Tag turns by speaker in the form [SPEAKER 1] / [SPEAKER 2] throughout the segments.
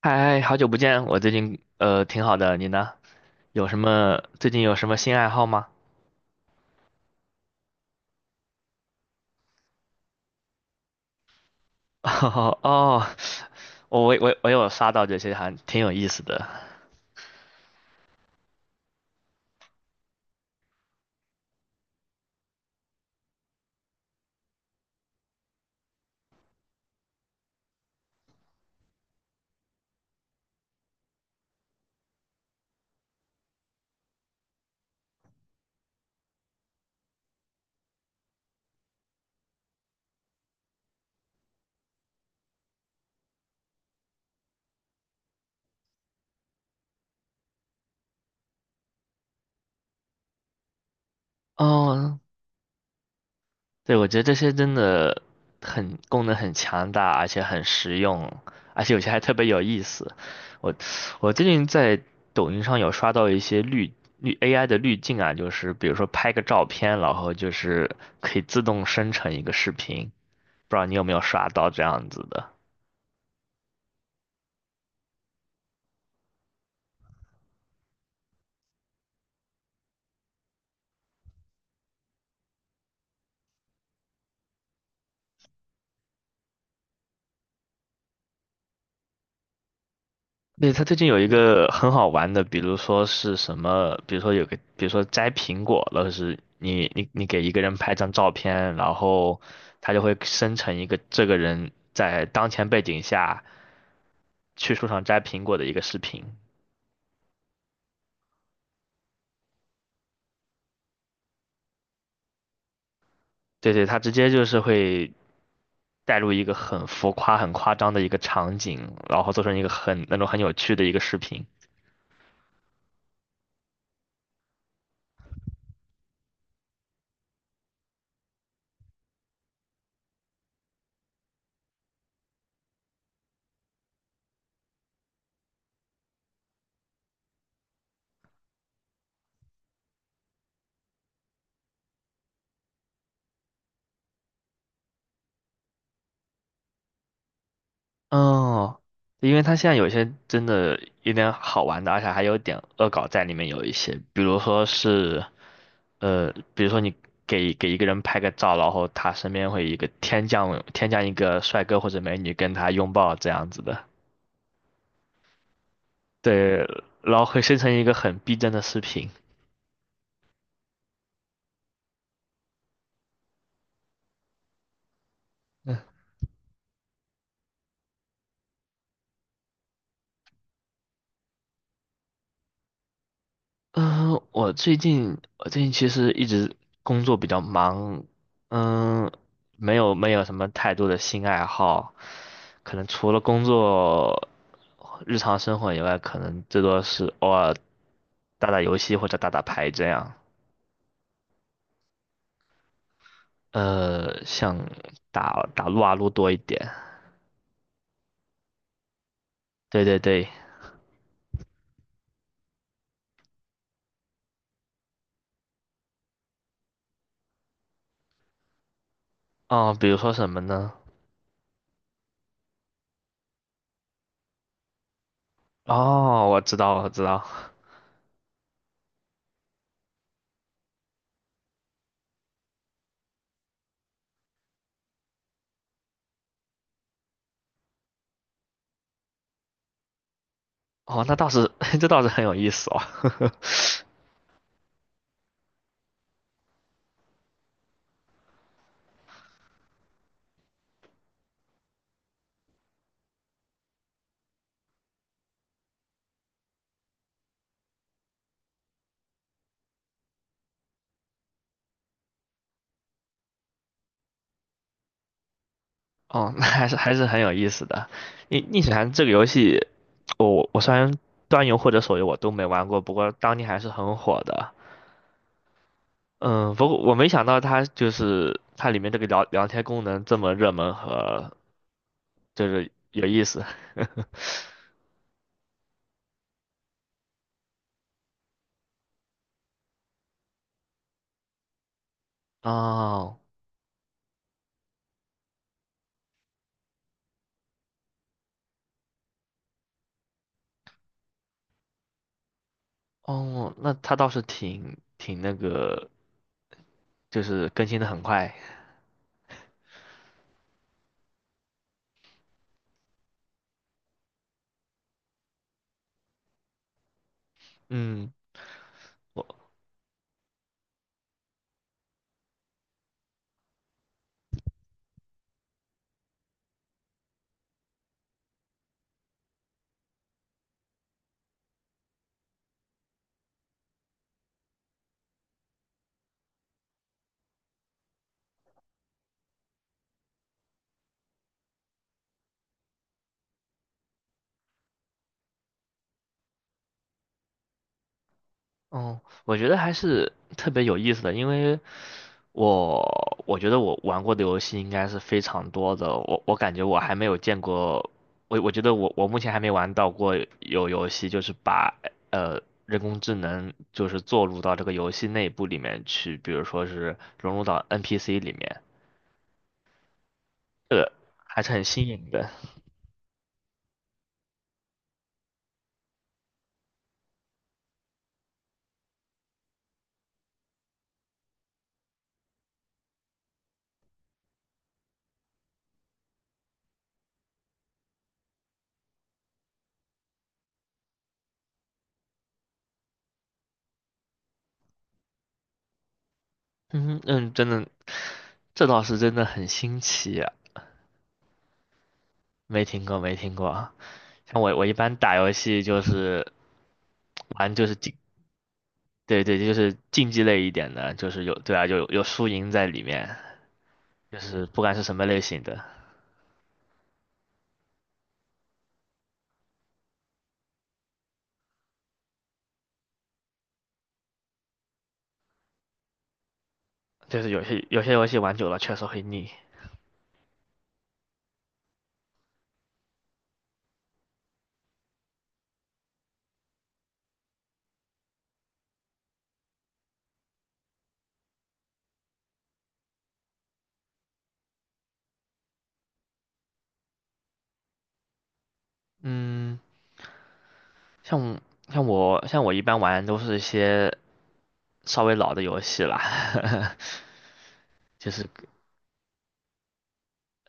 [SPEAKER 1] 嗨，好久不见，我最近挺好的，你呢？有什么最近有什么新爱好吗？哈哈哦，我有刷到这些，还挺有意思的。哦，对，我觉得这些真的很功能很强大，而且很实用，而且有些还特别有意思。我我最近在抖音上有刷到一些AI 的滤镜啊，就是比如说拍个照片，然后就是可以自动生成一个视频，不知道你有没有刷到这样子的？对，它最近有一个很好玩的，比如说是什么，比如说有个，比如说摘苹果了，是你给一个人拍张照片，然后他就会生成一个这个人在当前背景下去树上摘苹果的一个视频。对对，他直接就是会带入一个很浮夸、很夸张的一个场景，然后做成一个很那种很有趣的一个视频。哦，因为他现在有些真的有点好玩的，而且还有点恶搞在里面，有一些，比如说是比如说你给一个人拍个照，然后他身边会有一个天降一个帅哥或者美女跟他拥抱这样子的，对，然后会生成一个很逼真的视频。嗯，我最近其实一直工作比较忙，嗯，没有什么太多的新爱好，可能除了工作，日常生活以外，可能最多是偶尔打打游戏或者打打牌这样。像打打撸啊撸多一点。对对对，哦，比如说什么呢？哦，我知道我知道，哦，那倒是 这倒是很有意思哦。哦，那还是还是很有意思的。逆水寒这个游戏，我虽然端游或者手游我都没玩过，不过当年还是很火的。嗯，不过我没想到它就是它里面这个聊天功能这么热门和就是有意思。哦哦,那它倒是挺挺那个，就是更新的很快。嗯。我。哦，我觉得还是特别有意思的，因为我我觉得我玩过的游戏应该是非常多的，我感觉我还没有见过，我觉得我目前还没玩到过有游戏就是把呃人工智能就是做入到这个游戏内部里面去，比如说是融入到 NPC 里面，还是很新颖的。嗯嗯，真的，这倒是真的很新奇啊，没听过啊。像我一般打游戏就是玩就是竞。对对，就是竞技类一点的，就是有，对啊，有有输赢在里面，就是不管是什么类型的，就是有些有些游戏玩久了确实会腻。嗯，像像我一般玩都是一些稍微老的游戏啦，就是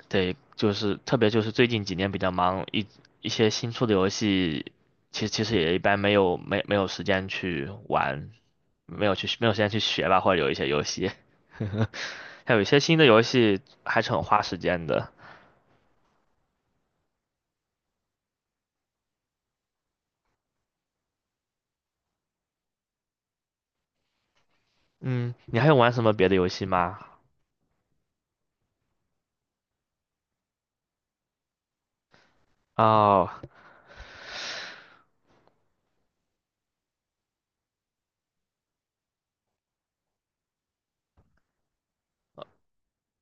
[SPEAKER 1] 对，就是特别就是最近几年比较忙，一些新出的游戏，其实也一般没有时间去玩，没有时间去学吧，或者有一些游戏。还有一些新的游戏还是很花时间的。嗯，你还有玩什么别的游戏吗？哦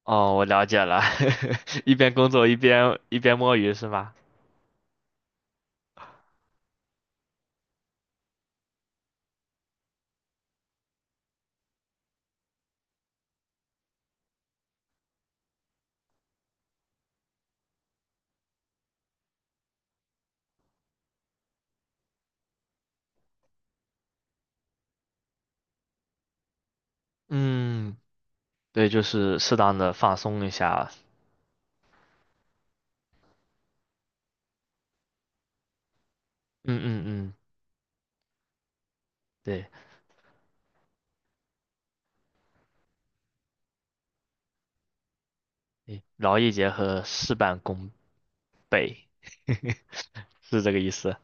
[SPEAKER 1] 哦，我了解了，一边工作一边摸鱼是吗？嗯，对，就是适当的放松一下。嗯嗯嗯，对，诶劳逸结合，事半功倍，是这个意思。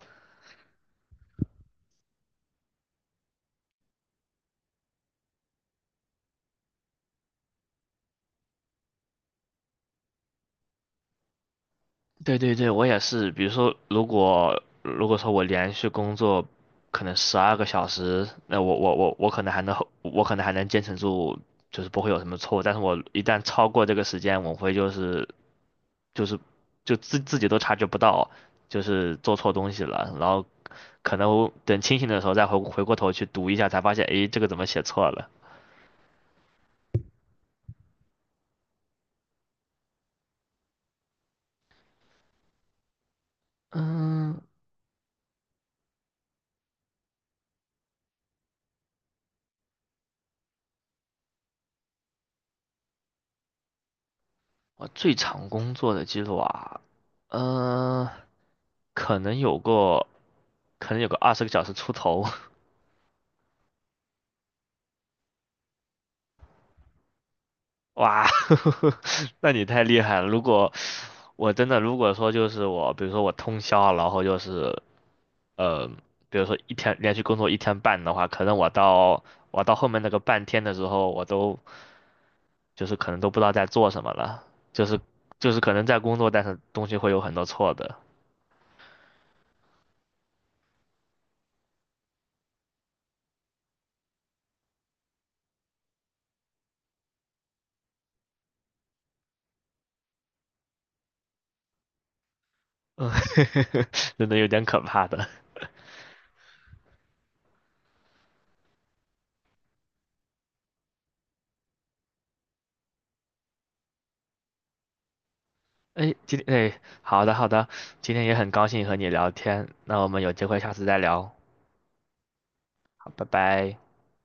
[SPEAKER 1] 对对对，我也是。比如说，如果说我连续工作可能12个小时，那我可能还能我可能还能坚持住，就是不会有什么错误。但是我一旦超过这个时间，我会就是就是就自己都察觉不到，就是做错东西了。然后可能等清醒的时候再回过头去读一下，才发现，诶，这个怎么写错了？嗯，我最长工作的记录啊，嗯、可能有过可能有个20个小时出头。哇，那你太厉害了！如果我真的如果说就是我，比如说我通宵啊，然后就是呃，比如说一天连续工作一天半的话，可能我到后面那个半天的时候，我都就是可能都不知道在做什么了，就是就是可能在工作，但是东西会有很多错的，嗯，真的有点可怕的。哎，今天哎，好的好的，今天也很高兴和你聊天，那我们有机会下次再聊，好，拜拜。